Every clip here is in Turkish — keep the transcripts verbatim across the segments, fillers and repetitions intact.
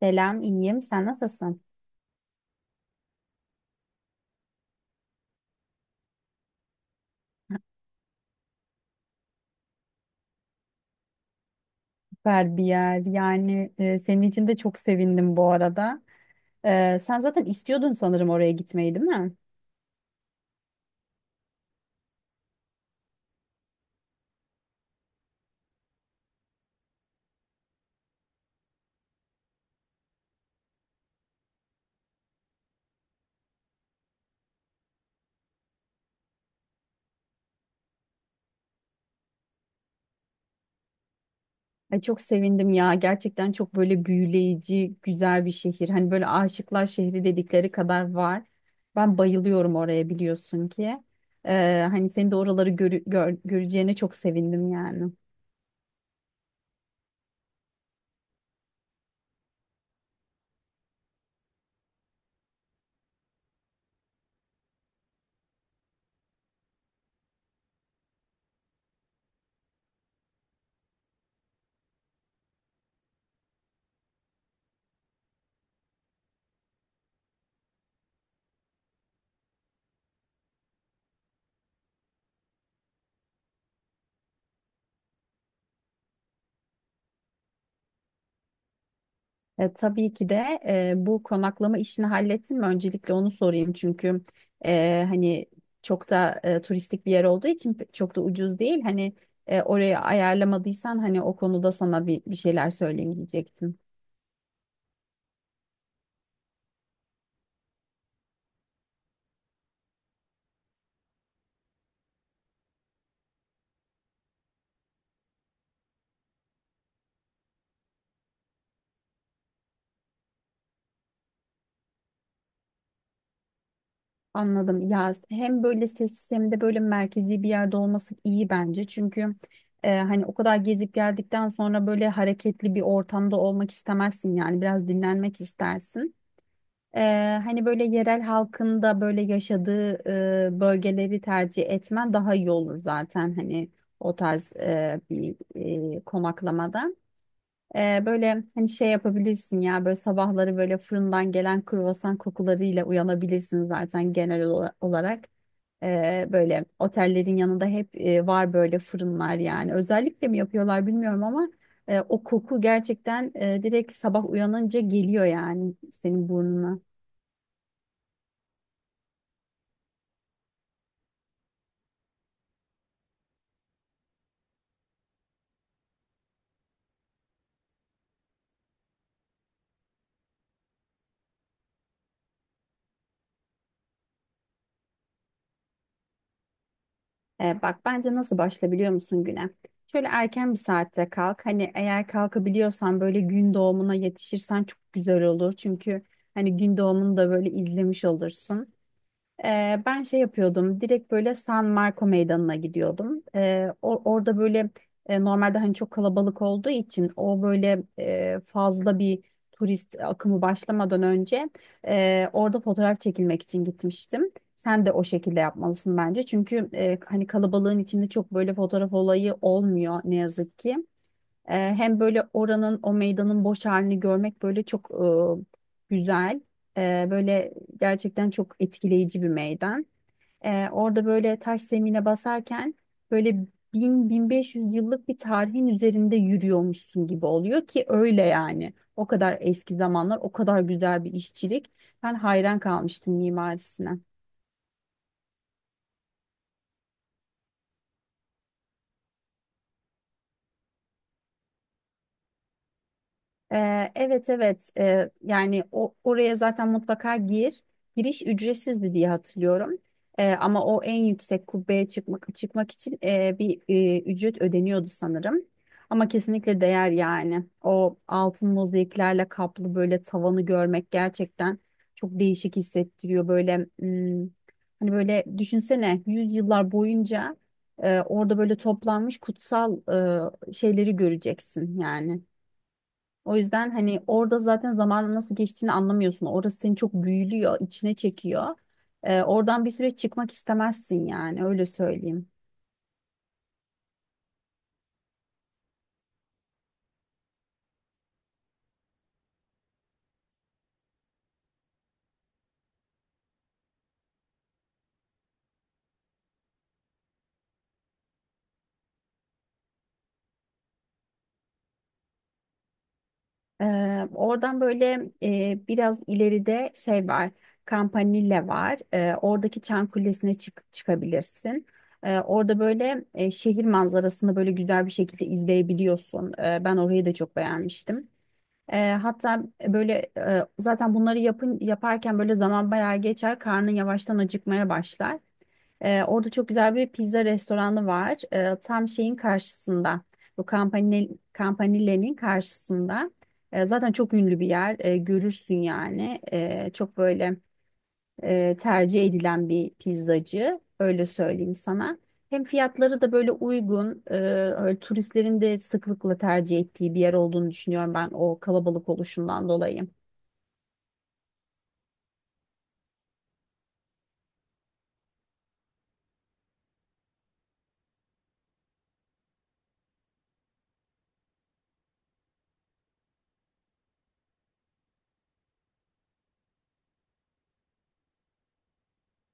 Selam, iyiyim. Sen nasılsın? Süper bir yer. Yani e, senin için de çok sevindim bu arada. Ee, sen zaten istiyordun sanırım oraya gitmeyi, değil mi? Ay çok sevindim ya. Gerçekten çok böyle büyüleyici, güzel bir şehir. Hani böyle aşıklar şehri dedikleri kadar var. Ben bayılıyorum oraya biliyorsun ki. Ee, hani seni de oraları görü- gör- göreceğine çok sevindim yani. E, tabii ki de e, bu konaklama işini hallettin mi? Öncelikle onu sorayım çünkü e, hani çok da e, turistik bir yer olduğu için pe- çok da ucuz değil. Hani e, orayı ayarlamadıysan hani o konuda sana bir, bir şeyler söyleyeyim diyecektim. Anladım. Ya hem böyle sessiz hem de böyle merkezi bir yerde olması iyi bence. Çünkü e, hani o kadar gezip geldikten sonra böyle hareketli bir ortamda olmak istemezsin yani biraz dinlenmek istersin. Ee, hani böyle yerel halkın da böyle yaşadığı e, bölgeleri tercih etmen daha iyi olur zaten hani o tarz e, bir e, konaklamada. Ee, böyle hani şey yapabilirsin ya böyle sabahları böyle fırından gelen kruvasan kokularıyla uyanabilirsin zaten genel ola- olarak. Ee, böyle otellerin yanında hep e, var böyle fırınlar yani. Özellikle mi yapıyorlar bilmiyorum ama e, o koku gerçekten e, direkt sabah uyanınca geliyor yani senin burnuna. E, bak bence nasıl başla biliyor musun güne? Şöyle erken bir saatte kalk. Hani eğer kalkabiliyorsan böyle gün doğumuna yetişirsen çok güzel olur. Çünkü hani gün doğumunu da böyle izlemiş olursun. Ee, ben şey yapıyordum direkt böyle San Marco Meydanı'na gidiyordum. Ee, or- orada böyle e, normalde hani çok kalabalık olduğu için o böyle e, fazla bir turist akımı başlamadan önce e, orada fotoğraf çekilmek için gitmiştim. Sen de o şekilde yapmalısın bence. Çünkü e, hani kalabalığın içinde çok böyle fotoğraf olayı olmuyor ne yazık ki. E, hem böyle oranın o meydanın boş halini görmek böyle çok e, güzel. E, böyle gerçekten çok etkileyici bir meydan. E, orada böyle taş zemine basarken böyle bin bin beş yüz yıllık bir tarihin üzerinde yürüyormuşsun gibi oluyor ki öyle yani. O kadar eski zamanlar, o kadar güzel bir işçilik. Ben hayran kalmıştım mimarisine. Ee, evet, evet. Ee, yani o, oraya zaten mutlaka gir. Giriş ücretsizdi diye hatırlıyorum. Ee, ama o en yüksek kubbeye çıkmak çıkmak için e, bir e, ücret ödeniyordu sanırım. Ama kesinlikle değer yani. O altın mozaiklerle kaplı böyle tavanı görmek gerçekten çok değişik hissettiriyor. Böyle hmm, hani böyle düşünsene yüzyıllar boyunca e, orada böyle toplanmış kutsal e, şeyleri göreceksin yani. O yüzden hani orada zaten zamanın nasıl geçtiğini anlamıyorsun. Orası seni çok büyülüyor, içine çekiyor. Ee, oradan bir süre çıkmak istemezsin yani öyle söyleyeyim. Ee, oradan böyle e, biraz ileride şey var, Campanile var. Ee, oradaki Çan Kulesi'ne çık çıkabilirsin. Ee, orada böyle e, şehir manzarasını böyle güzel bir şekilde izleyebiliyorsun. Ee, ben orayı da çok beğenmiştim. E, hatta e, böyle e, zaten bunları yapın yaparken böyle zaman bayağı geçer. Karnın yavaştan acıkmaya başlar. E, orada çok güzel bir pizza restoranı var. E, tam şeyin karşısında. Bu Campanile, Campanile'nin karşısında. E, zaten çok ünlü bir yer. E, görürsün yani. E, çok böyle e, tercih edilen bir pizzacı. Öyle söyleyeyim sana. Hem fiyatları da böyle uygun, e, öyle turistlerin de sıklıkla tercih ettiği bir yer olduğunu düşünüyorum ben o kalabalık oluşundan dolayı.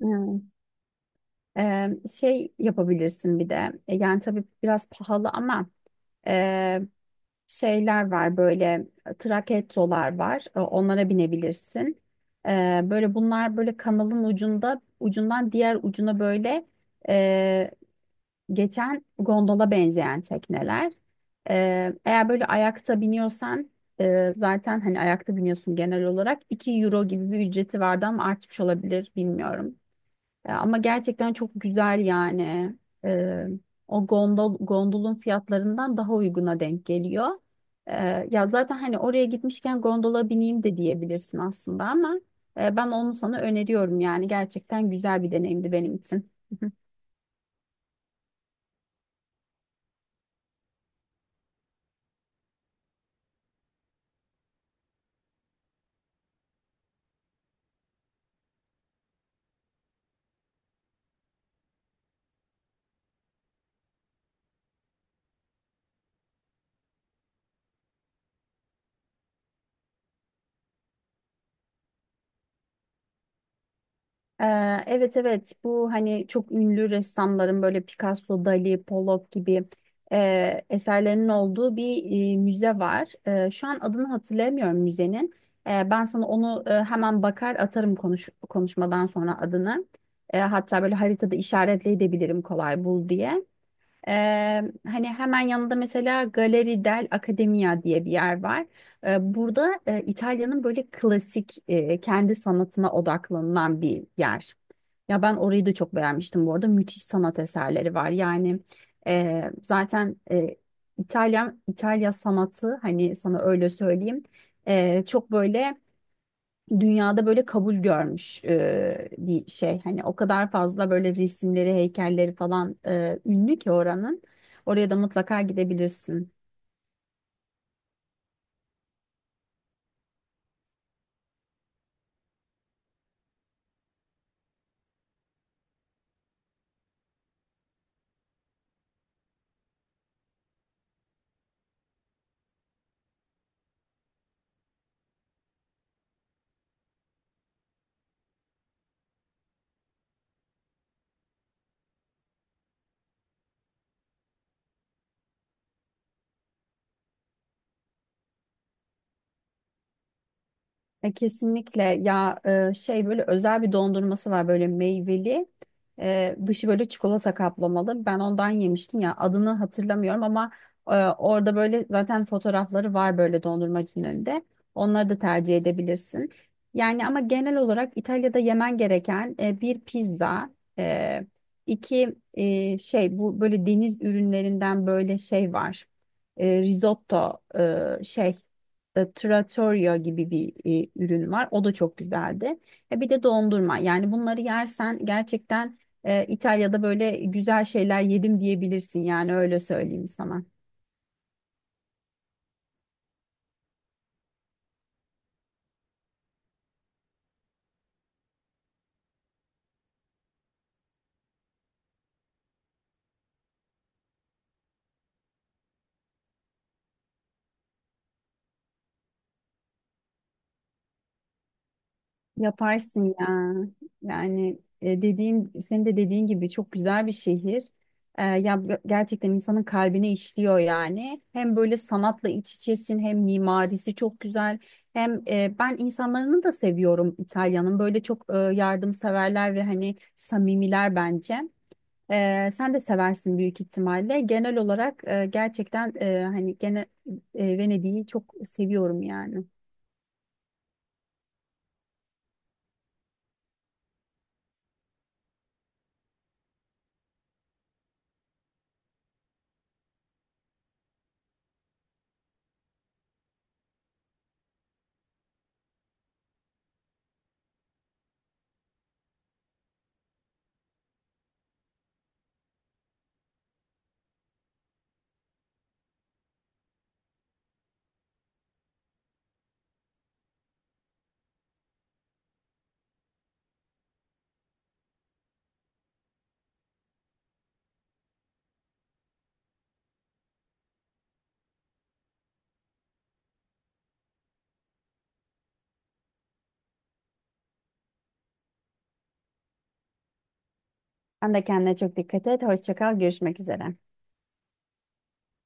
Hmm. Ee, şey yapabilirsin bir de. E, yani tabii biraz pahalı ama e, şeyler var böyle e, trakettolar var. E, onlara binebilirsin. E, böyle bunlar böyle kanalın ucunda ucundan diğer ucuna böyle geçen gondola benzeyen tekneler. Ee, eğer böyle ayakta biniyorsan e, zaten hani ayakta biniyorsun genel olarak iki euro gibi bir ücreti vardı ama artmış olabilir bilmiyorum. Ee, ama gerçekten çok güzel yani. Ee, o gondol, gondolun fiyatlarından daha uyguna denk geliyor. Ee, ya zaten hani oraya gitmişken gondola bineyim de diyebilirsin aslında ama e, ben onu sana öneriyorum yani gerçekten güzel bir deneyimdi benim için. Ee, evet, evet. Bu hani çok ünlü ressamların böyle Picasso, Dali, Pollock gibi e, eserlerinin olduğu bir e, müze var. E, şu an adını hatırlayamıyorum müzenin. E, ben sana onu e, hemen bakar atarım konuş konuşmadan sonra adını. E, hatta böyle haritada işaretleyebilirim kolay bul diye. Ee, hani hemen yanında mesela Galeri del Accademia diye bir yer var. Ee, burada e, İtalya'nın böyle klasik e, kendi sanatına odaklanılan bir yer. Ya ben orayı da çok beğenmiştim bu arada. Müthiş sanat eserleri var. Yani e, zaten e, İtalya İtalya sanatı hani sana öyle söyleyeyim. e, çok böyle dünyada böyle kabul görmüş e, bir şey. Hani o kadar fazla böyle resimleri, heykelleri falan e, ünlü ki oranın. Oraya da mutlaka gidebilirsin. E, kesinlikle ya e, şey böyle özel bir dondurması var böyle meyveli. E, dışı böyle çikolata kaplamalı ben ondan yemiştim ya adını hatırlamıyorum ama e, orada böyle zaten fotoğrafları var böyle dondurmacının önünde onları da tercih edebilirsin yani ama genel olarak İtalya'da yemen gereken e, bir pizza, e, iki e, şey bu böyle deniz ürünlerinden böyle şey var. E, risotto e, şey e, trattoria gibi bir e, ürün var. O da çok güzeldi. E, bir de dondurma. Yani bunları yersen gerçekten e, İtalya'da böyle güzel şeyler yedim diyebilirsin. Yani öyle söyleyeyim sana. Yaparsın ya. Yani e, dediğin, senin de dediğin gibi çok güzel bir şehir. E, ya bu- gerçekten insanın kalbine işliyor yani. Hem böyle sanatla iç içesin, hem mimarisi çok güzel. Hem e, ben insanlarını da seviyorum İtalya'nın. Böyle çok e, yardımseverler ve hani samimiler bence. E, sen de seversin büyük ihtimalle. Genel olarak e, gerçekten e, hani gene e, Venedik'i çok seviyorum yani. Sen de kendine çok dikkat et. Hoşça kal. Görüşmek üzere.